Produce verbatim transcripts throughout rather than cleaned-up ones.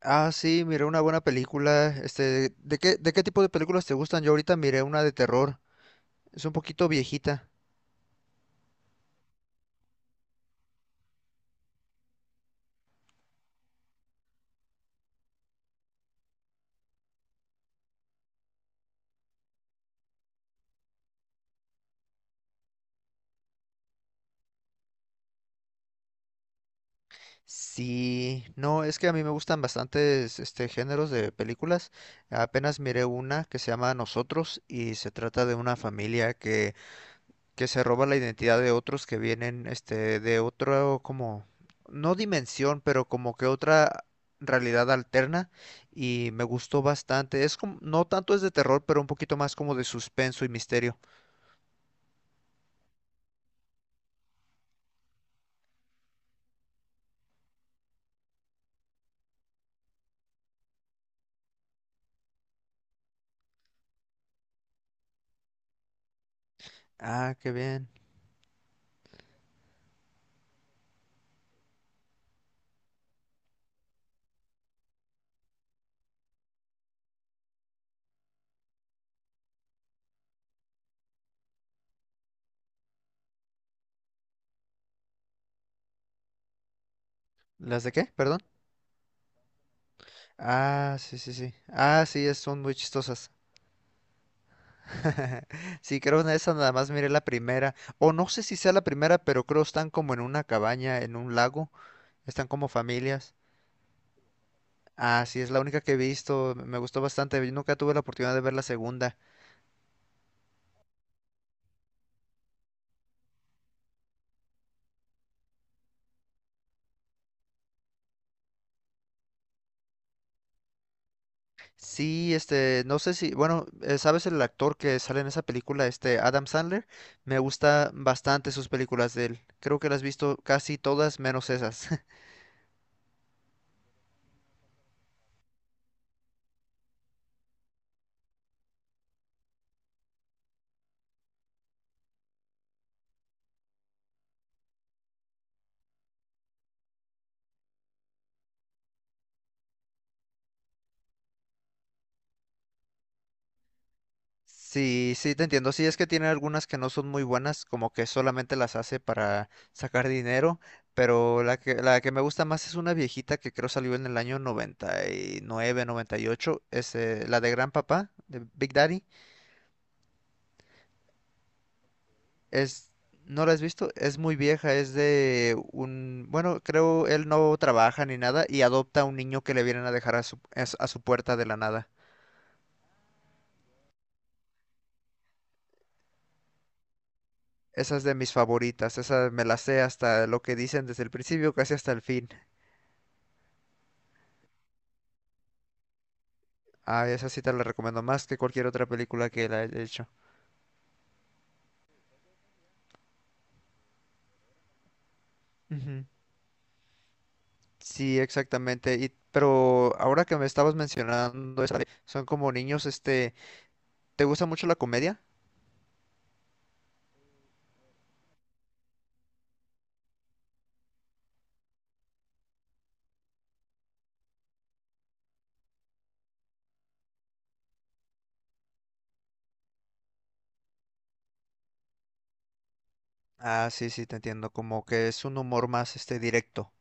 Ah, sí, miré una buena película. Este, ¿de qué, de qué tipo de películas te gustan? Yo ahorita miré una de terror. Es un poquito viejita. Sí, no, es que a mí me gustan bastantes este géneros de películas. Apenas miré una que se llama Nosotros y se trata de una familia que que se roba la identidad de otros que vienen este de otro como no dimensión, pero como que otra realidad alterna y me gustó bastante. Es como no tanto es de terror, pero un poquito más como de suspenso y misterio. Ah, qué bien. ¿Las de qué? Perdón. Ah, sí, sí, sí. Ah, sí, es- son muy chistosas. Sí, creo en esa nada más miré la primera. O no sé si sea la primera, pero creo están como en una cabaña, en un lago. Están como familias. Ah, sí, es la única que he visto, me gustó bastante, yo nunca tuve la oportunidad de ver la segunda. Sí, este, no sé si, bueno, eh, ¿sabes el actor que sale en esa película, este, Adam Sandler? Me gusta bastante sus películas de él, creo que las has visto casi todas menos esas. Sí, sí, te entiendo, sí, es que tiene algunas que no son muy buenas, como que solamente las hace para sacar dinero, pero la que, la que me gusta más es una viejita que creo salió en el año noventa noventa y nueve, noventa y ocho. Es eh, la de Gran Papá, de Big Daddy. Es, ¿No la has visto? Es muy vieja, es de un, bueno, creo él no trabaja ni nada y adopta a un niño que le vienen a dejar a su, a su a su puerta de la nada. Esa es de mis favoritas, esa me la sé hasta lo que dicen desde el principio, casi hasta el fin. Ah, esa sí te la recomiendo más que cualquier otra película que la he hecho. Ujú. Sí, exactamente. Y, pero ahora que me estabas mencionando, esa de- son como niños, este, ¿te gusta mucho la comedia? Ah, sí, sí, te entiendo, como que es un humor más, este, directo.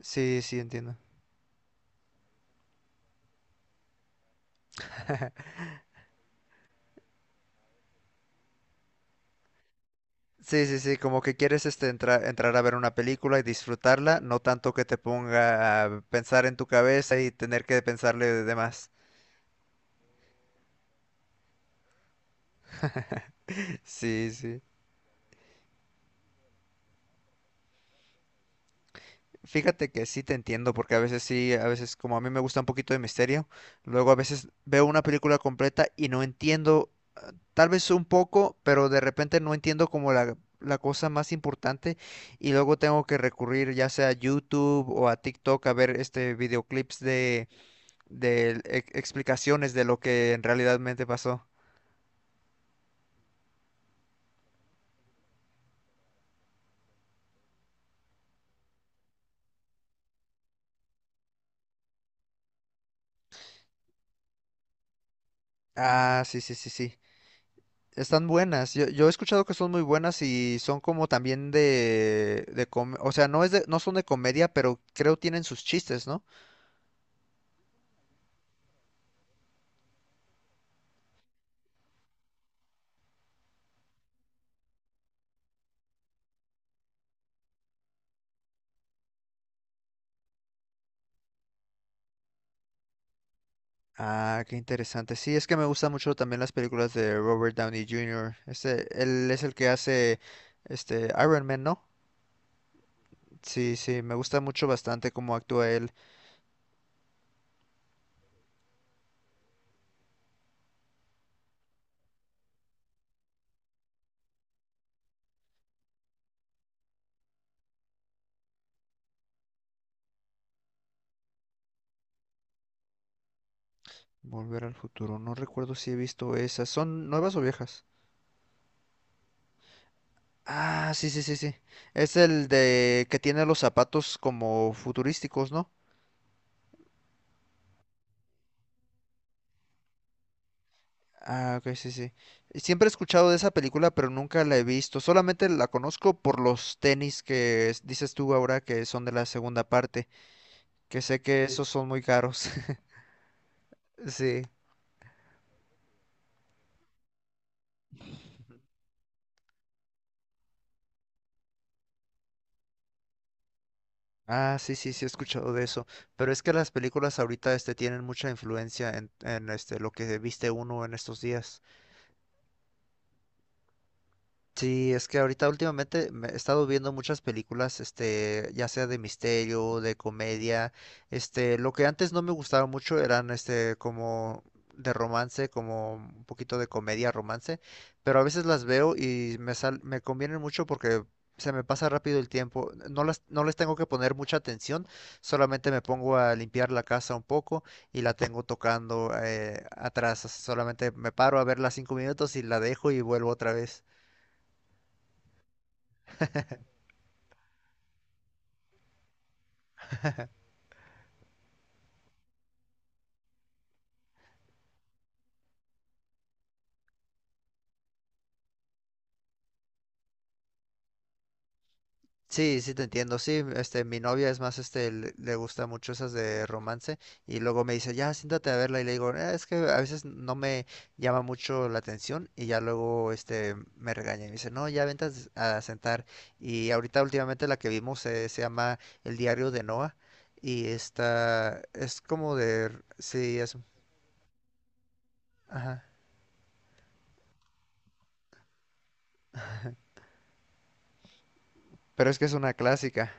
Sí, sí, entiendo. Sí, sí, sí, como que quieres este, entrar, entrar a ver una película y disfrutarla, no tanto que te ponga a pensar en tu cabeza y tener que pensarle de demás. Sí, sí. Fíjate que sí te entiendo, porque a veces sí, a veces como a mí me gusta un poquito de misterio, luego a veces veo una película completa y no entiendo, tal vez un poco, pero de repente no entiendo como la, la cosa más importante y luego tengo que recurrir ya sea a YouTube o a TikTok a ver este videoclips de de e- explicaciones de lo que en realidadmente pasó. Ah, sí, sí, sí, sí. Están buenas. Yo, yo he escuchado que son muy buenas y son como también de, de com- o sea, no es de, no son de comedia, pero creo tienen sus chistes, ¿no? Ah, qué interesante. Sí, es que me gustan mucho también las películas de Robert Downey junior Este, él es el que hace este Iron Man, ¿no? Sí, sí, me gusta mucho bastante cómo actúa él. Volver al futuro. No recuerdo si he visto esas. ¿Son nuevas o viejas? Ah, sí, sí, sí, sí. Es el de que tiene los zapatos como futurísticos, ¿no? Ah, ok, sí, sí. Y siempre he escuchado de esa película, pero nunca la he visto. Solamente la conozco por los tenis que es- dices tú ahora que son de la segunda parte, que sé que sí. Esos son muy caros. Sí. Ah, sí, sí, sí he escuchado de eso. Pero es que las películas ahorita este tienen mucha influencia en, en este lo que viste uno en estos días. Sí, es que ahorita últimamente me he estado viendo muchas películas, este, ya sea de misterio, de comedia, este, lo que antes no me gustaba mucho eran, este, como de romance, como un poquito de comedia, romance, pero a veces las veo y me sal- me convienen mucho porque se me pasa rápido el tiempo, no las, no les tengo que poner mucha atención, solamente me pongo a limpiar la casa un poco y la tengo tocando eh, atrás, solamente me paro a verla cinco minutos y la dejo y vuelvo otra vez. Sí, sí te entiendo, sí, este, mi novia es más, este, le, le gusta mucho esas de romance y luego me dice, ya, siéntate a verla y le digo, "Eh, es que a veces no me llama mucho la atención y ya luego, este, me regaña y me dice, no, ya vente a s- a sentar y ahorita últimamente la que vimos eh, se llama El diario de Noah y esta es como de, r- sí, es, ajá, pero es que es una clásica.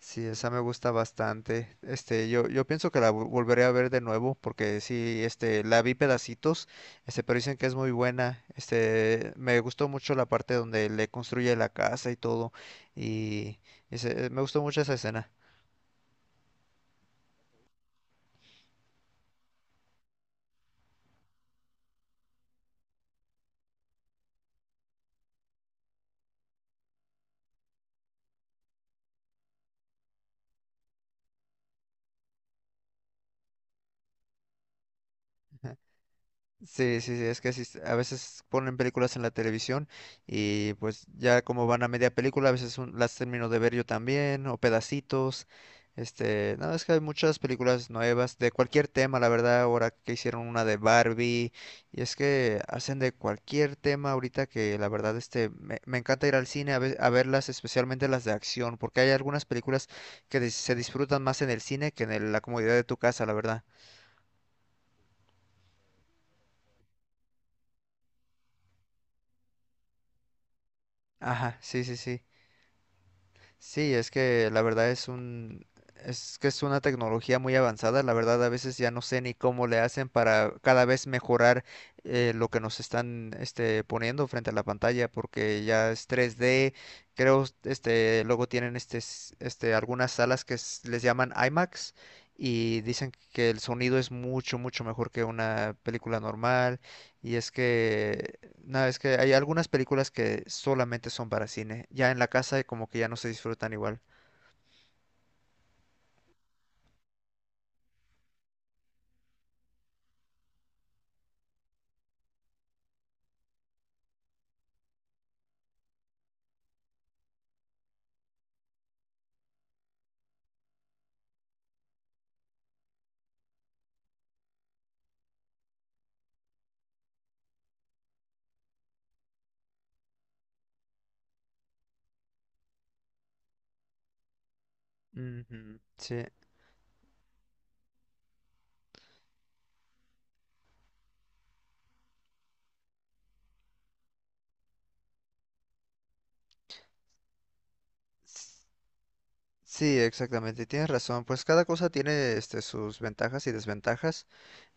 Sí, esa me gusta bastante. Este, yo, yo pienso que la vol- volveré a ver de nuevo porque sí, este, la vi pedacitos, este, pero dicen que es muy buena. Este, me gustó mucho la parte donde le construye la casa y todo, y ese- me gustó mucho esa escena. Sí, sí, sí, es que así es- a veces ponen películas en la televisión y pues ya como van a media película, a veces un- las termino de ver yo también o pedacitos. Este, no, es que hay muchas películas nuevas de cualquier tema, la verdad, ahora que hicieron una de Barbie y es que hacen de cualquier tema ahorita que la verdad este me, me encanta ir al cine a, ve- a verlas, especialmente las de acción, porque hay algunas películas que dis- se disfrutan más en el cine que en el- la comodidad de tu casa, la verdad. Ajá, sí, sí, sí. Sí, es que la verdad es un, es que es una tecnología muy avanzada. La verdad, a veces ya no sé ni cómo le hacen para cada vez mejorar eh, lo que nos están este, poniendo frente a la pantalla, porque ya es tres d. Creo, este, luego tienen este, s- este, algunas salas que s- les llaman IMAX y dicen que el sonido es mucho, mucho mejor que una película normal. Y es que no, es que hay algunas películas que solamente son para cine. Ya en la casa como que ya no se disfrutan igual. Ujú. Sí. S- Sí, exactamente. Tienes razón. Pues cada cosa tiene este, sus ventajas y desventajas.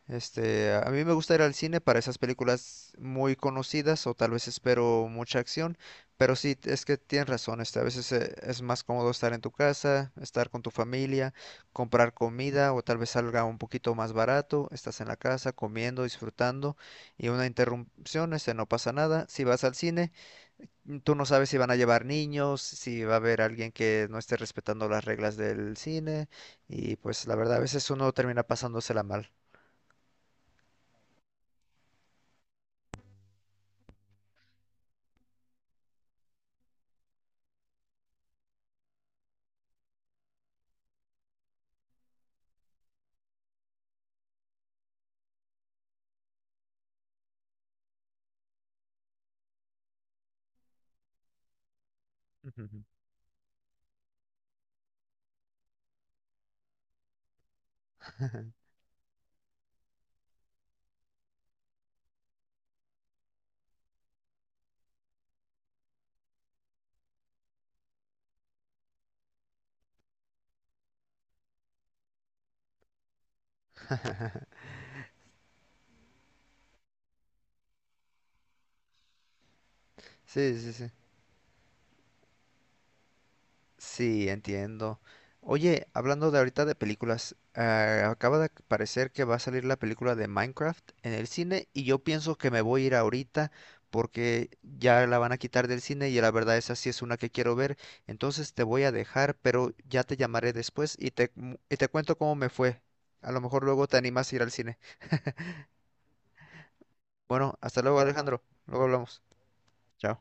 Este, a mí me gusta ir al cine para esas películas muy conocidas o tal vez espero mucha acción, pero sí, es que tienes razón, este, a veces eh, es más cómodo estar en tu casa, estar con tu familia, comprar comida o tal vez salga un poquito más barato, estás en la casa comiendo, disfrutando y una interrupción, este, no pasa nada. Si vas al cine, mm, tú no sabes si van a llevar niños, si va a haber alguien que no esté respetando las reglas del cine y pues la verdad a veces uno termina pasándosela mal. Ujú. Sí, sí, sí. Sí, entiendo. Oye, hablando de ahorita de películas, eh, acaba de parecer que va a salir la película de Minecraft en el cine y yo pienso que me voy a ir ahorita porque ya la van a quitar del cine y la verdad esa sí es una que quiero ver. Entonces te voy a dejar, pero ya te llamaré después y te, mu- y te cuento cómo me fue. A lo mejor luego te animas a ir al cine. Bueno, hasta luego, Alejandro. Luego hablamos. Chao.